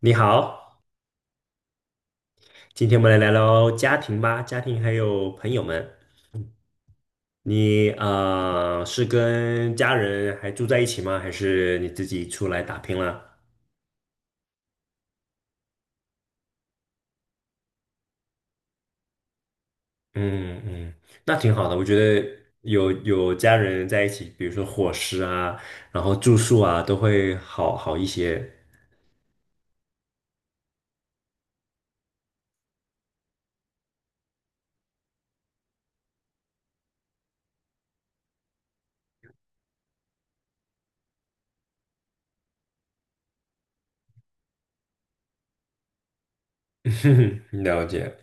你好，今天我们来聊聊家庭吧，家庭还有朋友们。你是跟家人还住在一起吗？还是你自己出来打拼了？嗯嗯，那挺好的。我觉得有家人在一起，比如说伙食啊，然后住宿啊，都会好一些。了解。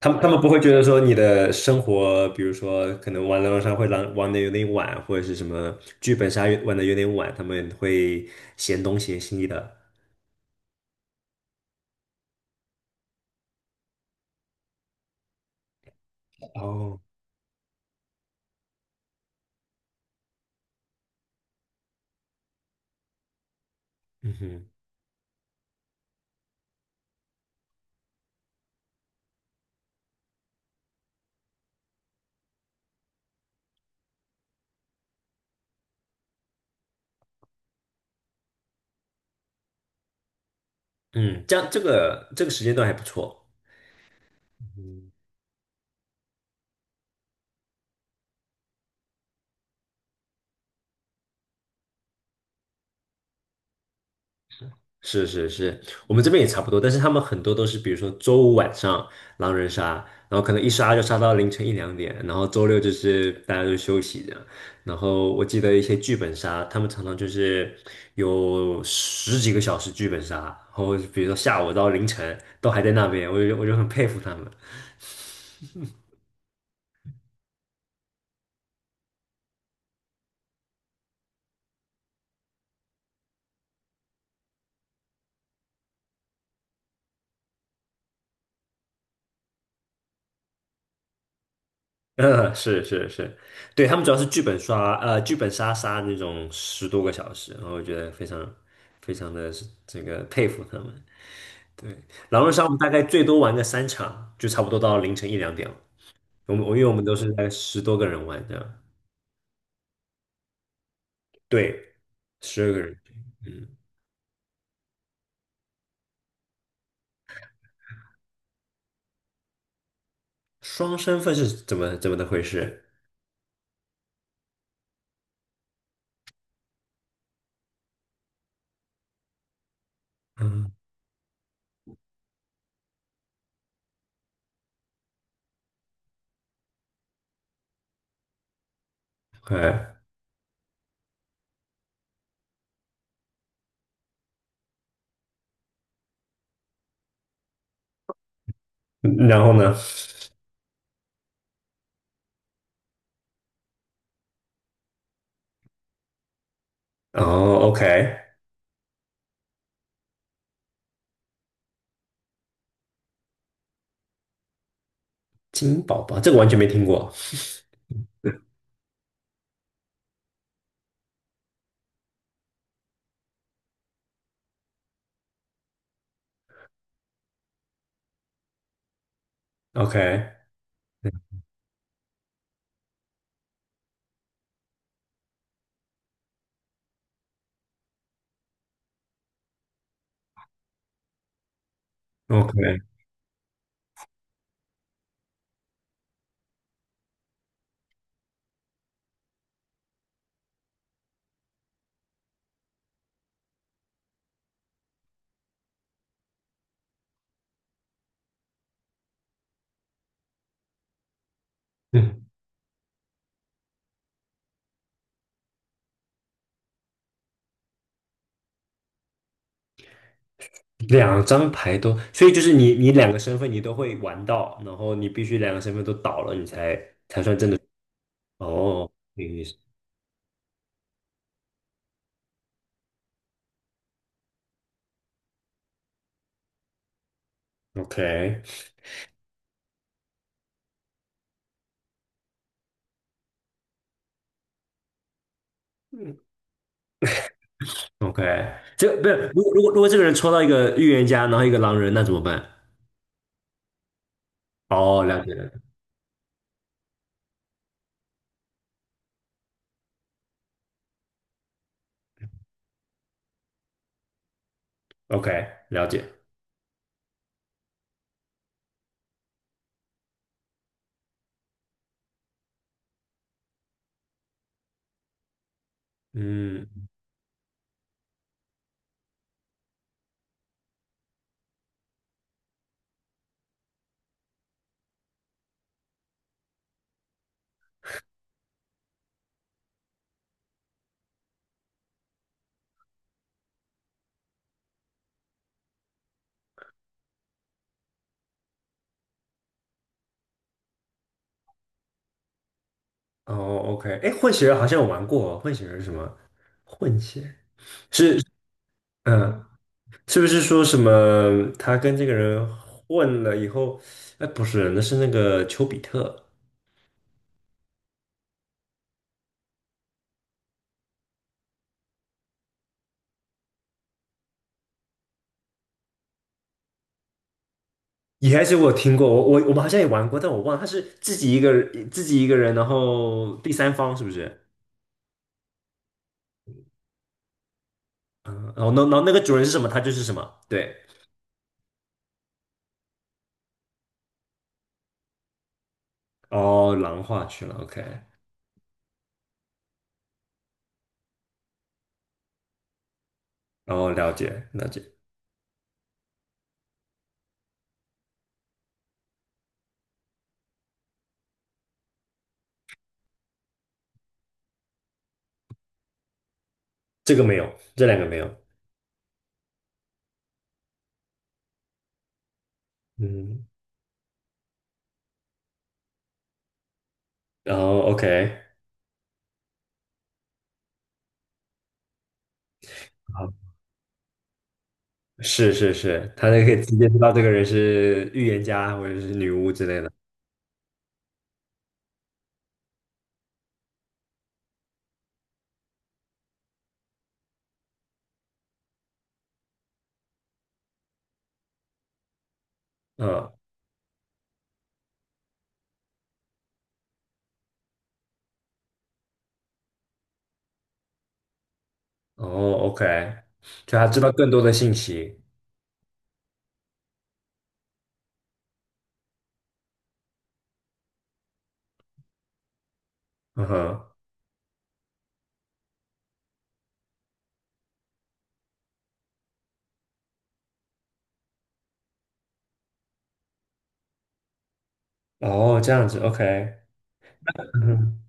他们不会觉得说你的生活，比如说可能玩狼人杀会玩的有点晚，或者是什么剧本杀玩的有点晚，他们会嫌东嫌西的。哦，嗯哼，嗯，这样这个时间段还不错。是是是，我们这边也差不多，但是他们很多都是，比如说周五晚上狼人杀，然后可能一杀就杀到凌晨一两点，然后周六就是大家都休息这样。然后我记得一些剧本杀，他们常常就是有十几个小时剧本杀，然后比如说下午到凌晨都还在那边，我就很佩服他们。嗯，是是是，对，他们主要是剧本杀那种十多个小时，然后我觉得非常非常的这个佩服他们。狼人杀我们大概最多玩个三场，就差不多到凌晨一两点了。我们我因为我们都是在十多个人玩的，对，十二个人。嗯，双身份是怎么的回事？嗯，OK，嗯然后呢？哦，OK，金宝宝这个完全没听过。OK，OK，嗯，两张牌都，所以就是你两个身份你都会玩到，然后你必须两个身份都倒了，你才哦，有意思。OK。嗯。OK，这不是如果如果如果这个人抽到一个预言家，然后一个狼人，那怎么办？哦，了解了，OK，了解，嗯，哦，OK，哎，混血儿好像有玩过哦，混血儿是什么？混血是，嗯，是不是说什么他跟这个人混了以后？哎，不是，那是那个丘比特，也还是我有听过，我们好像也玩过，但我忘了，他是自己一个人，然后第三方是不是？嗯，然后然后那个主人是什么，他就是什么，对。哦，狼化去了，OK，然后了解了解，这个没有，这两个没有，嗯，然后 OK，好，是是是，他就可以直接知道这个人是预言家或者是女巫之类的，嗯，哦，OK，就他知道更多的信息，嗯哼，哦，这样子，OK，嗯哼。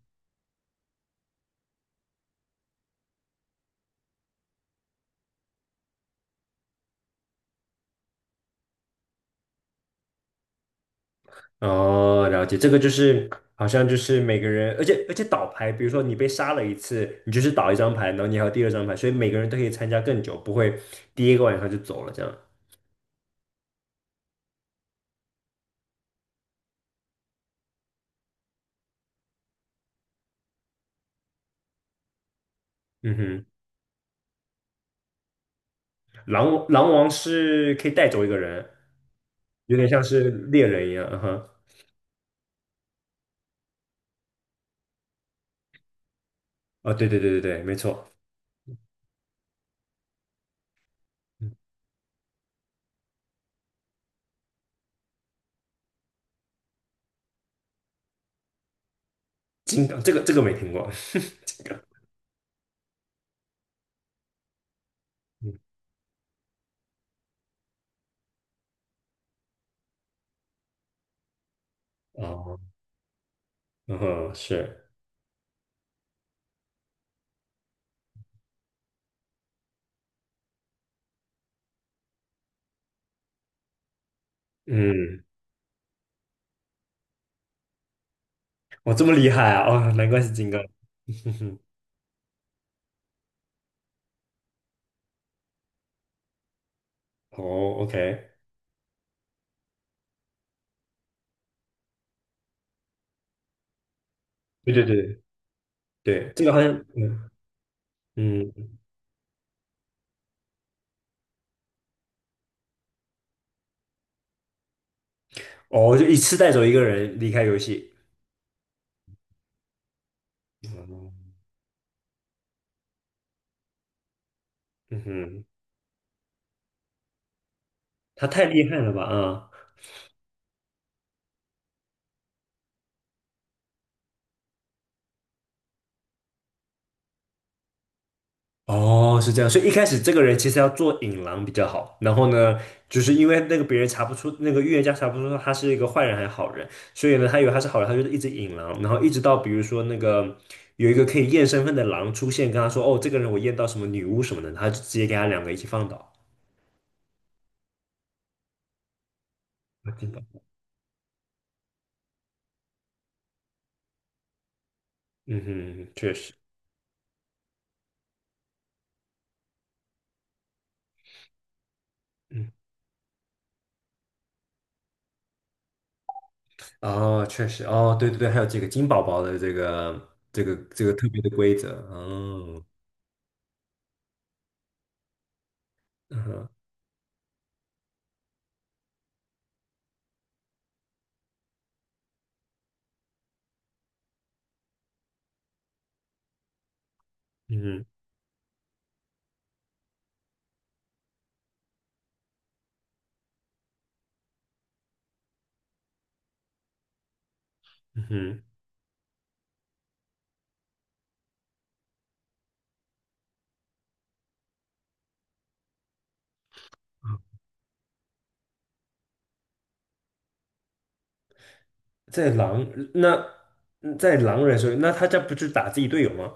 哦，了解，这个就是好像就是每个人，而且倒牌，比如说你被杀了一次，你就是倒一张牌，然后你还有第二张牌，所以每个人都可以参加更久，不会第一个晚上就走了这样。嗯哼，狼狼王是可以带走一个人，有点像是猎人一样。嗯哼，哦，对对对对对，没错。嗯金刚这个这个没听过，金刚。嗯哦，嗯哼，是，嗯，哇，这么厉害啊！哦，难怪是金刚。哦，OK，对对对对，这个好像。嗯嗯，哦，就一次带走一个人离开游戏。嗯嗯哼，他太厉害了吧？啊、哦，是这样，所以一开始这个人其实要做引狼比较好，然后呢，就是因为那个别人查不出，那个预言家查不出他是一个坏人还是好人，所以呢，他以为他是好人，他就是一直引狼，然后一直到比如说那个有一个可以验身份的狼出现，跟他说，哦，这个人我验到什么女巫什么的，他就直接给他两个一起放倒。嗯哼，确实，嗯。哦，确实，哦，对对对，还有这个金宝宝的这个特别的规则，哦，嗯哼嗯嗯哼，在狼那在狼人手里，那他这不就打自己队友吗？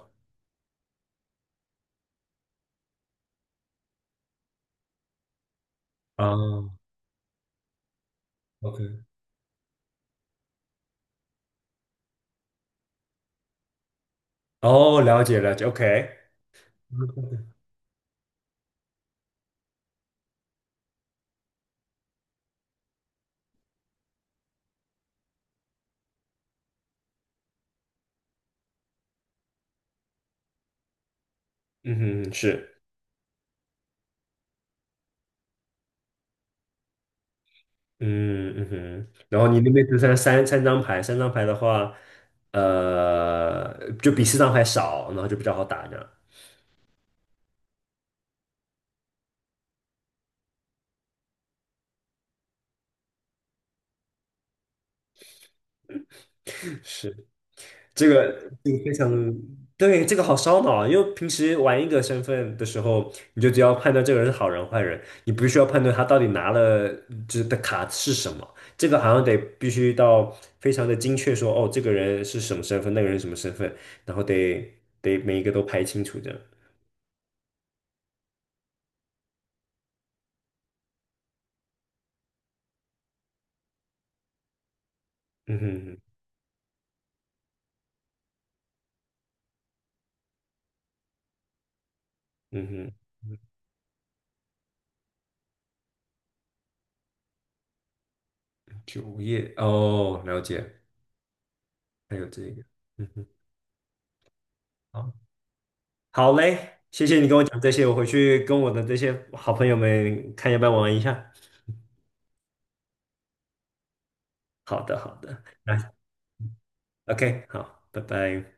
啊，OK，哦，了解了解，OK，嗯哼，是，嗯嗯哼，然后你那边只剩三张牌，三张牌的话，呃，就比四张牌少，然后就比较好打这样，是。这个非常对，这个好烧脑啊！因为平时玩一个身份的时候，你就只要判断这个人是好人坏人，你不需要判断他到底拿了就是的卡是什么。这个好像得必须到非常的精确说，哦，这个人是什么身份，那个人是什么身份，然后得每一个都排清楚这样。嗯哼，嗯哼，主页哦，了解，还有这个，嗯哼，好，好嘞，谢谢你跟我讲这些，我回去跟我的这些好朋友们看要不要玩一下。好的，好的，那 OK，好，拜拜。